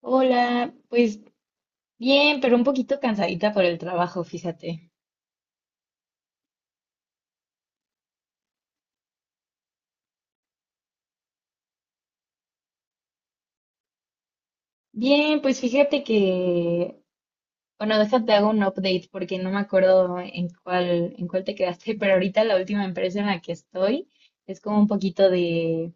Hola, pues bien, pero un poquito cansadita por el trabajo, fíjate. Bien, pues fíjate que, bueno, déjate hago un update porque no me acuerdo en cuál te quedaste, pero ahorita la última empresa en la que estoy es como un poquito de,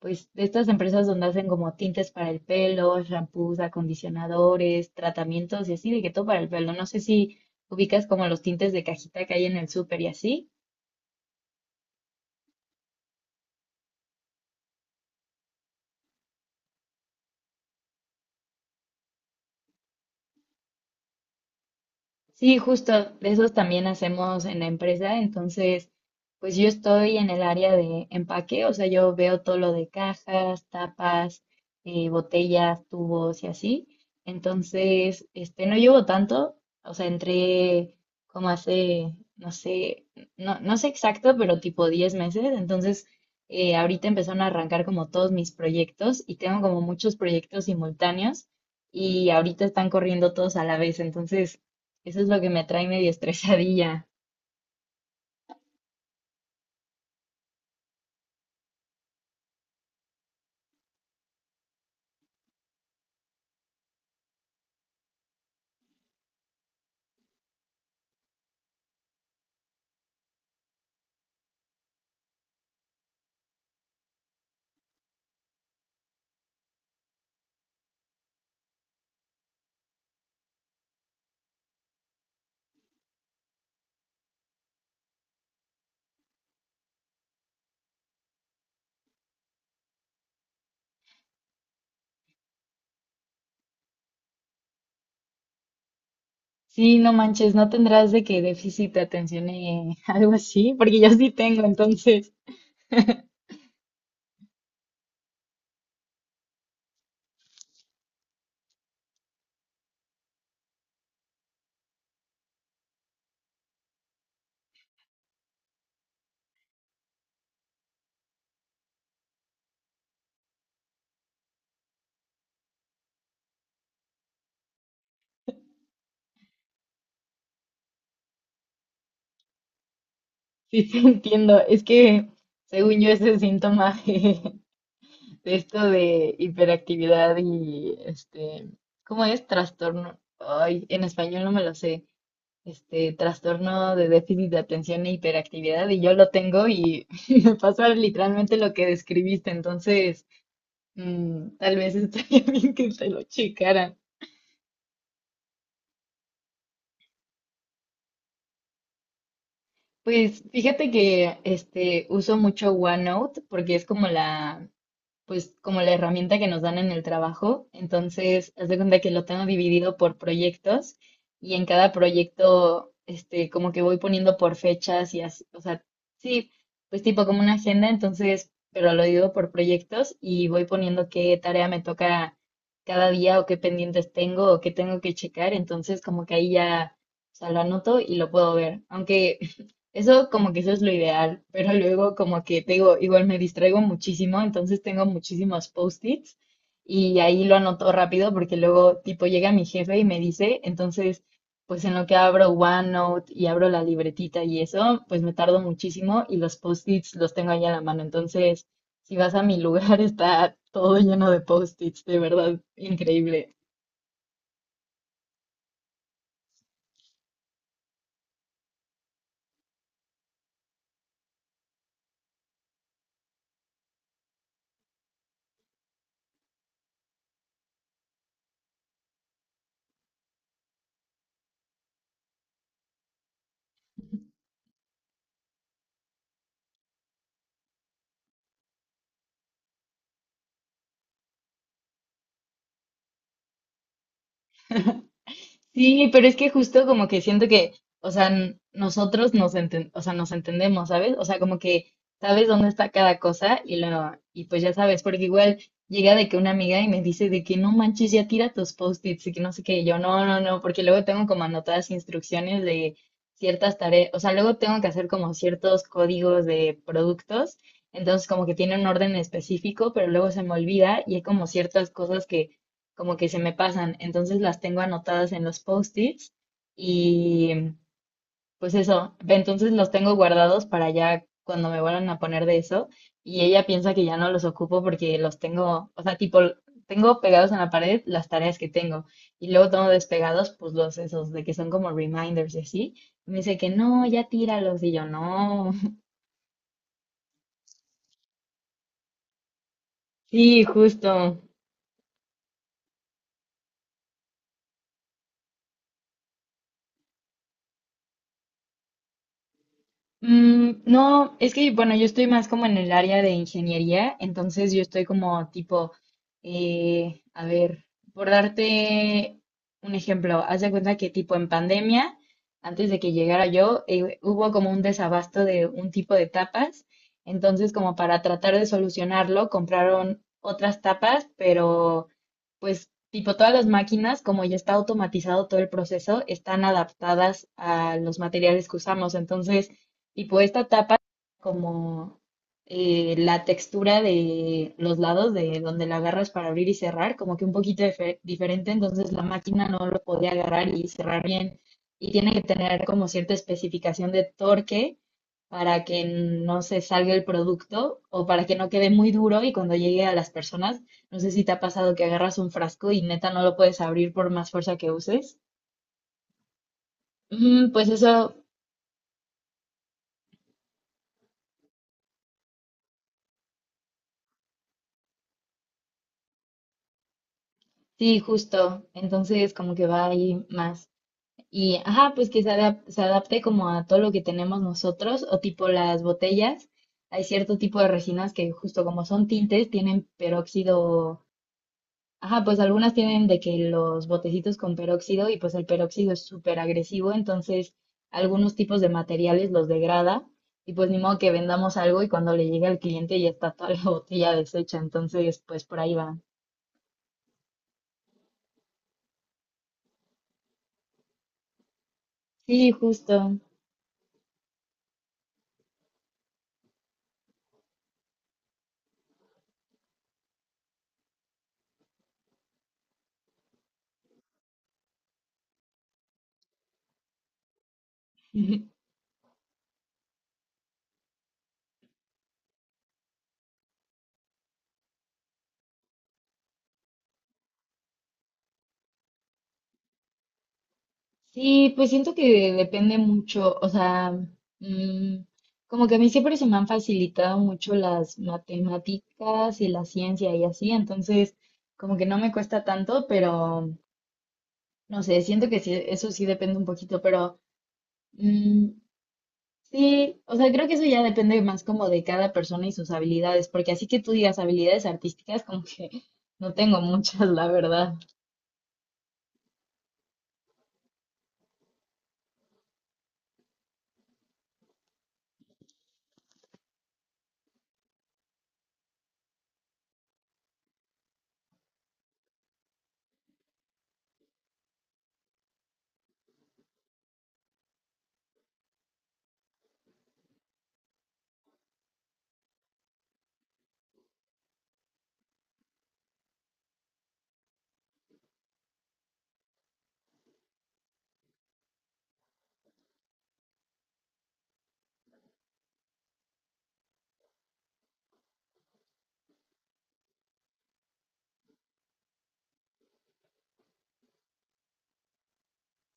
pues, de estas empresas donde hacen como tintes para el pelo, shampoos, acondicionadores, tratamientos y así, de que todo para el pelo. No sé si ubicas como los tintes de cajita que hay en el súper y así. Sí, justo, de esos también hacemos en la empresa. Entonces, pues yo estoy en el área de empaque, o sea, yo veo todo lo de cajas, tapas, botellas, tubos y así. Entonces, no llevo tanto, o sea, entré como hace, no sé, no, no sé exacto, pero tipo 10 meses. Entonces, ahorita empezaron a arrancar como todos mis proyectos y tengo como muchos proyectos simultáneos y ahorita están corriendo todos a la vez. Entonces, eso es lo que me trae medio estresadilla. Sí, no manches, no tendrás de que déficit de atención y algo así, porque yo sí tengo, entonces sí te entiendo. Es que según yo ese síntoma de esto de hiperactividad y ¿cómo es? Trastorno. Ay, en español no me lo sé. Trastorno de déficit de atención e hiperactividad y yo lo tengo y me pasa literalmente lo que describiste. Entonces, mm, tal vez estaría bien que te lo checaran. Pues fíjate que uso mucho OneNote porque es como la, pues como la herramienta que nos dan en el trabajo. Entonces, haz de cuenta que lo tengo dividido por proyectos y en cada proyecto, como que voy poniendo por fechas y así, o sea, sí, pues tipo como una agenda. Entonces, pero lo divido por proyectos y voy poniendo qué tarea me toca cada día o qué pendientes tengo o qué tengo que checar. Entonces, como que ahí ya, o sea, lo anoto y lo puedo ver. Aunque eso, como que eso es lo ideal, pero luego como que te digo, igual me distraigo muchísimo, entonces tengo muchísimos post-its y ahí lo anoto rápido, porque luego tipo llega mi jefe y me dice. Entonces, pues en lo que abro OneNote y abro la libretita y eso, pues me tardo muchísimo y los post-its los tengo ahí a la mano. Entonces, si vas a mi lugar está todo lleno de post-its, de verdad, increíble. Sí, pero es que justo como que siento que, o sea, nosotros o sea, nos entendemos, ¿sabes? O sea, como que sabes dónde está cada cosa y lo, y pues ya sabes, porque igual llega de que una amiga y me dice de que no manches, ya tira tus post-its y que no sé qué, y yo no, no, no, porque luego tengo como anotadas instrucciones de ciertas tareas, o sea, luego tengo que hacer como ciertos códigos de productos, entonces como que tiene un orden específico, pero luego se me olvida y hay como ciertas cosas que como que se me pasan. Entonces las tengo anotadas en los post-its y pues eso, ve, entonces los tengo guardados para ya cuando me vuelvan a poner de eso. Y ella piensa que ya no los ocupo porque los tengo, o sea, tipo, tengo pegados en la pared las tareas que tengo y luego tengo despegados pues los esos de que son como reminders y así. Me dice que no, ya tíralos y yo no. Sí, justo. Mm, no, es que, bueno, yo estoy más como en el área de ingeniería, entonces yo estoy como tipo, a ver, por darte un ejemplo, haz de cuenta que tipo en pandemia, antes de que llegara yo, hubo como un desabasto de un tipo de tapas, entonces como para tratar de solucionarlo, compraron otras tapas, pero pues tipo todas las máquinas, como ya está automatizado todo el proceso, están adaptadas a los materiales que usamos, entonces... Y pues esta tapa como la textura de los lados de donde la agarras para abrir y cerrar, como que un poquito diferente, entonces la máquina no lo podía agarrar y cerrar bien. Y tiene que tener como cierta especificación de torque para que no se salga el producto o para que no quede muy duro y cuando llegue a las personas, no sé si te ha pasado que agarras un frasco y neta no lo puedes abrir por más fuerza que uses. Mm, pues eso, sí, justo. Entonces como que va ahí más. Y, ajá, pues que se adapte como a todo lo que tenemos nosotros, o tipo las botellas. Hay cierto tipo de resinas que justo como son tintes, tienen peróxido. Ajá, pues algunas tienen de que los botecitos con peróxido y pues el peróxido es súper agresivo, entonces algunos tipos de materiales los degrada y pues ni modo que vendamos algo y cuando le llegue al cliente ya está toda la botella deshecha, entonces pues por ahí va. Sí, justo. Sí, pues siento que depende mucho, o sea, mm, como que a mí siempre se me han facilitado mucho las matemáticas y la ciencia y así, entonces como que no me cuesta tanto, pero no sé, siento que sí, eso sí depende un poquito. Pero mm, sí, o sea, creo que eso ya depende más como de cada persona y sus habilidades, porque así que tú digas habilidades artísticas, como que no tengo muchas, la verdad.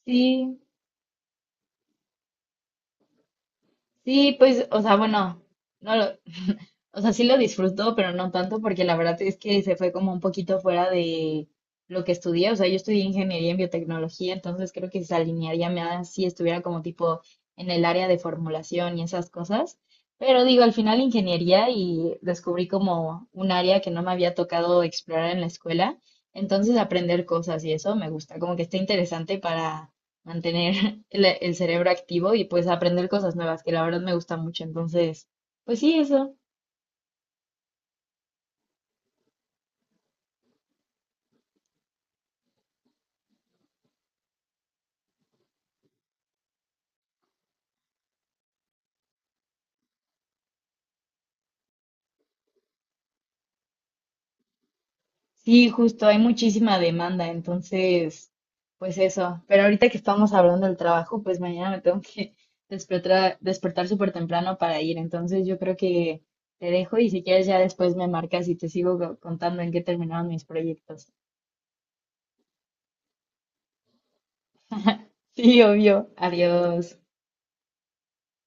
Sí, sí, pues, o sea, bueno. No, o sea, sí lo disfruto, pero no tanto porque la verdad es que se fue como un poquito fuera de lo que estudié. O sea, yo estudié ingeniería en biotecnología, entonces creo que se alinearía más si estuviera como tipo en el área de formulación y esas cosas. Pero digo, al final ingeniería y descubrí como un área que no me había tocado explorar en la escuela. Entonces aprender cosas y eso me gusta, como que está interesante para mantener el cerebro activo y pues aprender cosas nuevas, que la verdad me gusta mucho. Entonces, pues sí, eso. Sí, justo, hay muchísima demanda, entonces, pues eso. Pero ahorita que estamos hablando del trabajo, pues mañana me tengo que despertar súper temprano para ir. Entonces, yo creo que te dejo y si quieres ya después me marcas y te sigo contando en qué terminaron mis proyectos. Sí, obvio. Adiós.